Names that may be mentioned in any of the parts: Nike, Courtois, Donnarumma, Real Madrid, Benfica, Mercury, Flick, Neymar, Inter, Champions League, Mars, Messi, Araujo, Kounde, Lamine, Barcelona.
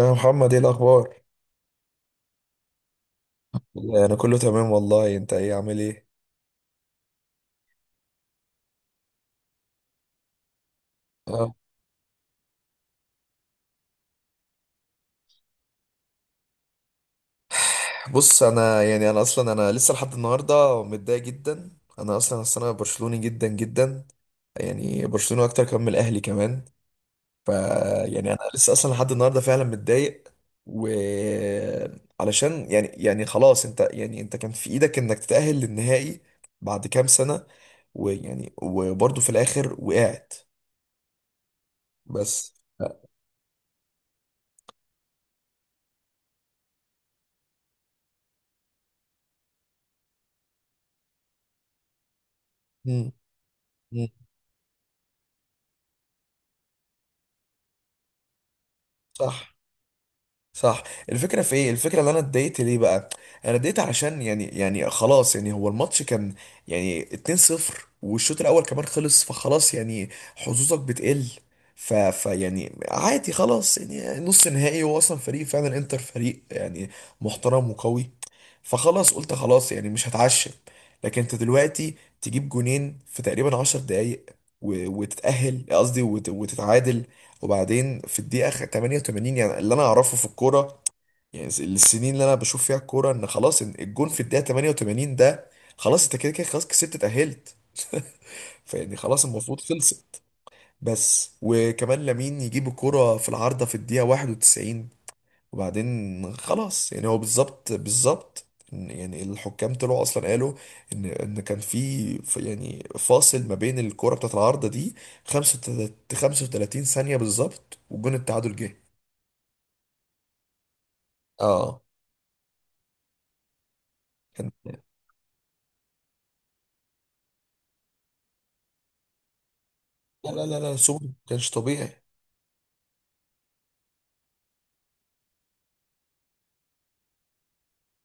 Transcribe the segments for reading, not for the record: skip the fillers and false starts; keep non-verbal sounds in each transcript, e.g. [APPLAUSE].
يا محمد، ايه الاخبار؟ انا كله تمام والله. انت ايه، عامل ايه؟ أه. بص، انا اصلا لسه لحد النهارده متضايق جدا. انا اصلا أصل انا برشلوني جدا جدا. يعني برشلوني اكتر كمان من الاهلي كمان. ف يعني انا لسه اصلا لحد النهارده فعلا متضايق. و علشان يعني خلاص، انت كان في ايدك انك تتأهل للنهائي بعد كام سنه، ويعني وبرضه في الاخر وقعت. بس. مم. مم. صح، صح. الفكرة في ايه؟ الفكرة اللي انا اتضايقت ليه بقى، انا اتضايقت علشان يعني خلاص يعني هو الماتش كان يعني 2-0، والشوط الاول كمان خلص. فخلاص يعني، حظوظك بتقل. ف ف يعني عادي خلاص، يعني نص نهائي. هو اصلا فريق، فعلا انتر فريق يعني محترم وقوي. فخلاص قلت خلاص يعني مش هتعشم. لكن انت دلوقتي تجيب جونين في تقريبا 10 دقايق، وتتعادل، وبعدين في الدقيقة 88، يعني اللي أنا أعرفه في الكورة، يعني السنين اللي أنا بشوف فيها الكورة، إن خلاص، إن الجون في الدقيقة 88 ده، خلاص أنت كده كده خلاص، كسبت، اتأهلت. [LAUGHS] فيعني خلاص المفروض خلصت. بس وكمان لامين يجيب الكرة في العارضة في الدقيقة 91، وبعدين خلاص. يعني هو بالظبط بالظبط، يعني الحكام طلعوا اصلا قالوا ان كان في يعني فاصل ما بين الكرة بتاعت العارضة دي، 35 ثانية بالظبط، وجون التعادل جه. اه كان. لا لا لا لا، سوبر ما كانش طبيعي.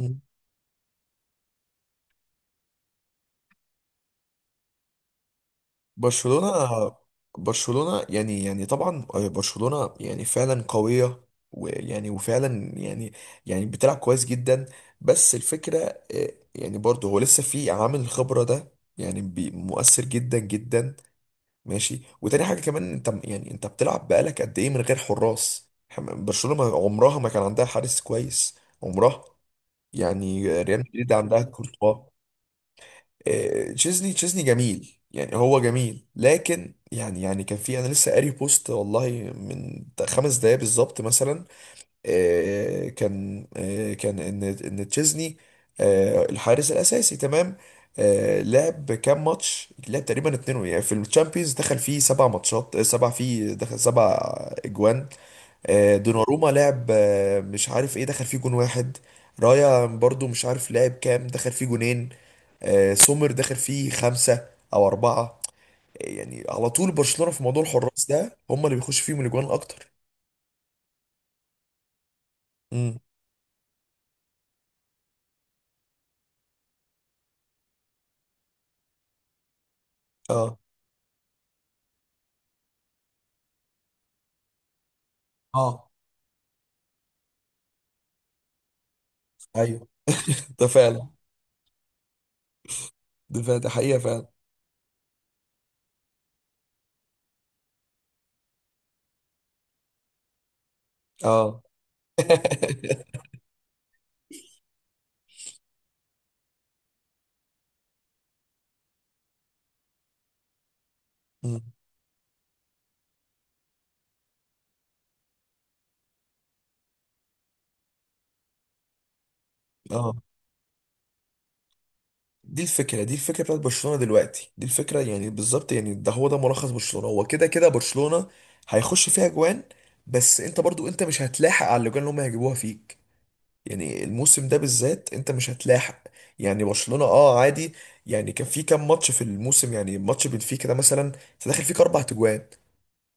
مم. برشلونة، برشلونة يعني طبعا. برشلونة يعني فعلا قوية. ويعني وفعلا يعني، يعني بتلعب كويس جدا. بس الفكرة، يعني برضه هو لسه في عامل الخبرة ده، يعني مؤثر جدا جدا. ماشي. وتاني حاجة كمان، انت بتلعب بقالك قد ايه من غير حراس؟ برشلونة عمرها ما كان عندها حارس كويس، عمرها. يعني ريال مدريد عندها كورتوا. آه، تشيزني، تشيزني جميل، يعني هو جميل، لكن يعني كان في، انا لسه قاري بوست والله من 5 دقايق بالظبط مثلا. كان ان تشيزني الحارس الاساسي، تمام. لعب كام ماتش؟ لعب تقريبا اتنين. يعني في الشامبيونز دخل فيه 7 ماتشات، آه، سبع فيه دخل 7 اجوان. دوناروما لعب، مش عارف ايه، دخل فيه جون واحد. رايا برضو مش عارف لعب كام، دخل فيه جونين. سومر دخل فيه خمسة او اربعة. يعني على طول برشلونة في موضوع الحراس ده، هم اللي بيخش فيهم الاجوان اكتر. امم اه، اه، ايوه، ده فعلا، ده فعلا، ده حقيقة فعلا. اه. [LAUGHS] مم. اه، دي الفكرة، دي الفكرة بتاعت برشلونة دلوقتي، دي الفكرة يعني بالظبط. يعني ده هو، ده ملخص برشلونة. هو كده كده برشلونة هيخش فيها جوان، بس انت برضو انت مش هتلاحق على الاجوان اللي هم هيجيبوها فيك. يعني الموسم ده بالذات انت مش هتلاحق. يعني برشلونة، اه، عادي. يعني كان في كام ماتش في الموسم، يعني ماتش بنفيكا ده مثلا، انت داخل فيك 4 تجوان،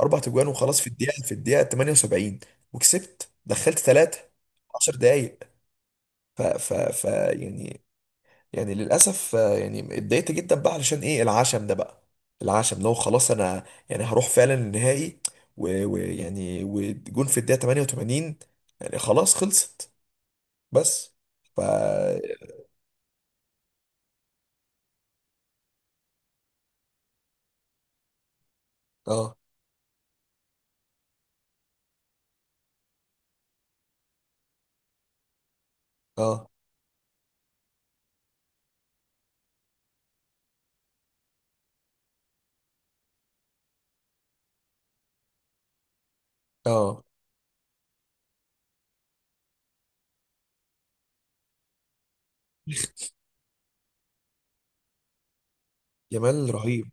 4 تجوان وخلاص، في الدقيقة 78، وكسبت، دخلت ثلاثة 10 دقايق. ف ف ف يعني يعني للاسف يعني اتضايقت جدا بقى، علشان ايه العشم ده بقى؟ العشم لو خلاص انا يعني هروح فعلا النهائي، و- ويعني وجون في الدقيقه 88، يعني خلاص خلصت. بس. ف اه اه، اه، جمال رهيب.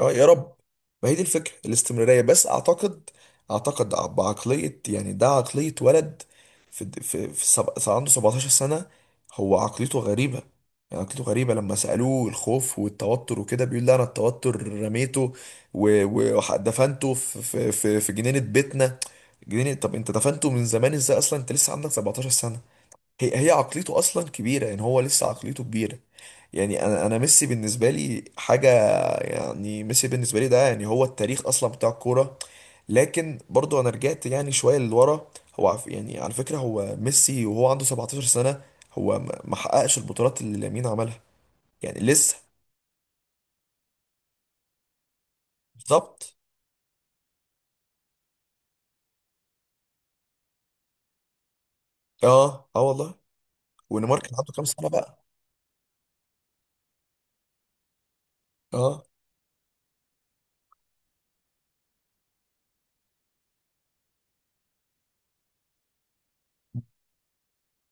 اه، يا رب. ما هي دي الفكره، الاستمراريه. بس اعتقد، اعتقد بعقليه يعني، ده عقليه ولد. عنده 17 سنه، هو عقليته غريبه. يعني عقليته غريبه. لما سالوه الخوف والتوتر وكده، بيقول لا، انا التوتر رميته و- و- ودفنته في جنينه بيتنا. جنينه، طب انت دفنته من زمان ازاي، اصلا انت لسه عندك 17 سنه؟ هي عقليته اصلا كبيره، يعني هو لسه عقليته كبيره. يعني انا ميسي بالنسبه لي حاجه. يعني ميسي بالنسبه لي ده، يعني هو التاريخ اصلا بتاع الكوره. لكن برضو انا رجعت يعني شويه لورا. يعني على فكره، هو ميسي وهو عنده 17 سنه، هو ما حققش البطولات اللي لامين عملها. يعني لسه. بالظبط. اه، اه، والله. ونيمار كان عنده كام سنه بقى؟ اه.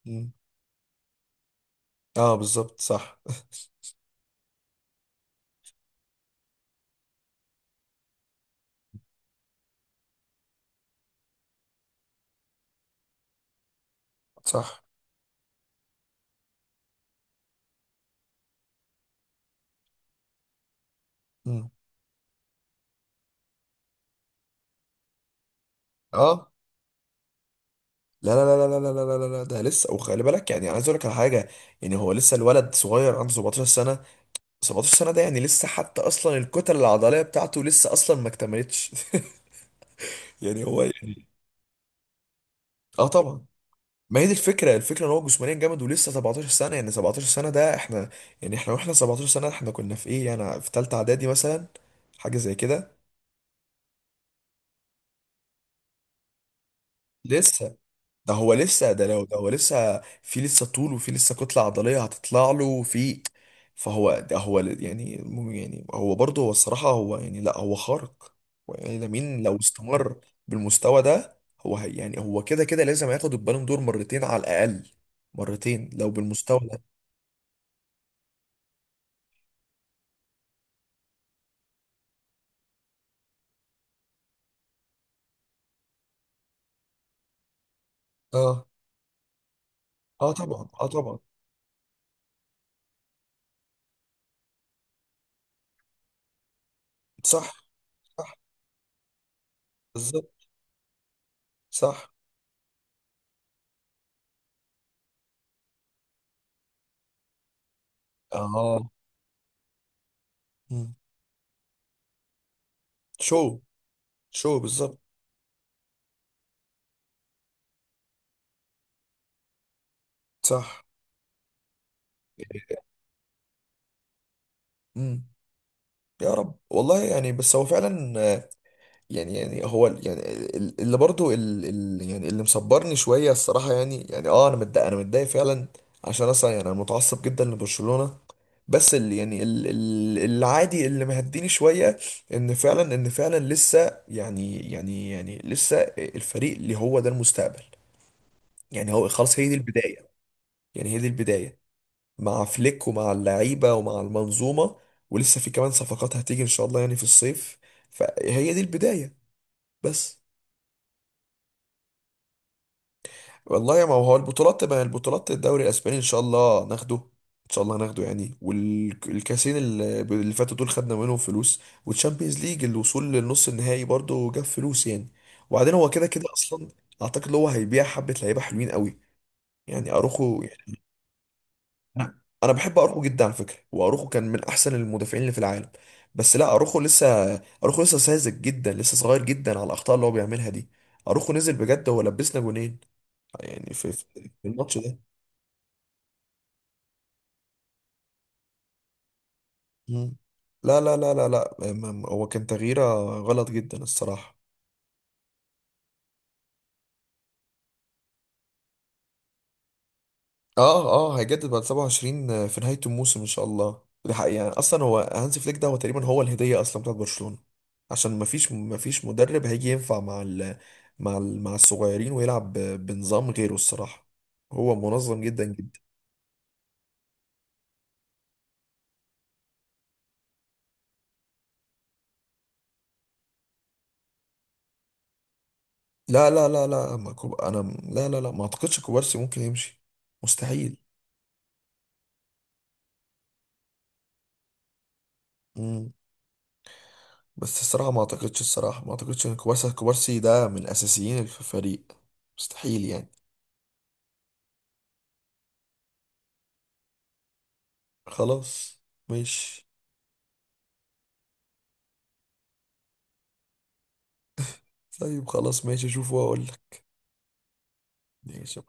مم. اه، بالظبط، صح. [LAUGHS] صح. مم. اه. لا لا لا لا لا لا لا لا لا، ده لسه. وخلي بالك، يعني عايز اقول لك على حاجه. يعني هو لسه الولد صغير، عنده 17 سنه. 17 سنة ده يعني لسه، حتى أصلا الكتل العضلية بتاعته لسه أصلا ما اكتملتش. [LAUGHS] يعني هو يعني. اه طبعا. ما هي دي الفكرة، الفكرة إن هو جسمانيا جامد، ولسه 17 سنة. يعني 17 سنة ده، إحنا يعني، إحنا وإحنا 17 سنة، إحنا كنا في إيه يعني؟ في تالتة إعدادي مثلا، حاجة زي كده. لسه. ده هو لسه، ده لو ده هو لسه في، لسه طول وفي لسه كتلة عضلية هتطلع له، وفي. فهو ده هو يعني يعني هو برضه هو الصراحة، هو يعني لا، هو خارق. هو يعني لامين لو استمر بالمستوى ده، هو هي يعني هو كده كده لازم ياخد البالون دور مرتين على الأقل. مرتين لو بالمستوى ده. اه، اه طبعا، اه طبعا. صح، صح، بالظبط، صح. اه. مم. شو، شو بالظبط. صح. امم يا رب، والله. يعني بس هو فعلا. يعني هو يعني اللي برضو يعني اللي مصبرني شويه الصراحه، يعني اه انا متضايق، انا متضايق فعلا. عشان اصلا يعني انا متعصب جدا لبرشلونه. بس اللي يعني العادي اللي مهديني شويه، ان فعلا، لسه يعني لسه الفريق اللي هو ده المستقبل. يعني هو خلاص، هي دي البدايه. يعني هي دي البدايه مع فليك ومع اللعيبه ومع المنظومه. ولسه في كمان صفقات هتيجي ان شاء الله، يعني في الصيف. فهي دي البدايه. بس. والله يا ما هو البطولات تبقى البطولات. الدوري الاسباني ان شاء الله ناخده، ان شاء الله ناخده يعني. والكاسين اللي فاتوا دول خدنا منهم فلوس. والتشامبيونز ليج، الوصول للنص النهائي برضو جاب فلوس يعني. وبعدين هو كده كده اصلا، اعتقد هو هيبيع حبة لعيبة حلوين قوي. يعني اروخو، يعني انا بحب اروخو جدا على فكرة، واروخو كان من احسن المدافعين اللي في العالم. بس لا، اروخو لسه، اروخو لسه ساذج جدا، لسه صغير جدا على الاخطاء اللي هو بيعملها دي. اروخو نزل بجد، هو لبسنا جونين يعني في الماتش ده. مم. لا لا لا لا لا، هو كان تغييره غلط جدا الصراحة. اه، اه، هيجدد بعد 27 في نهاية الموسم ان شاء الله. ده حقيقي، يعني اصلا هو هانز فليك ده هو تقريبا هو الهدية اصلا بتاعت برشلونة. عشان مفيش مدرب هيجي ينفع مع ال، مع الصغيرين، ويلعب بنظام غيره، الصراحة. هو منظم جدا جدا. لا لا لا لا، ما كوب... انا، لا لا لا، ما اعتقدش كوبارسي ممكن يمشي. مستحيل. مم. بس الصراحة ما اعتقدش، ان كوبارسي، ده من اساسيين في الفريق. مستحيل يعني. خلاص، ماشي. طيب خلاص، ماشي، اشوف واقول لك. ماشي.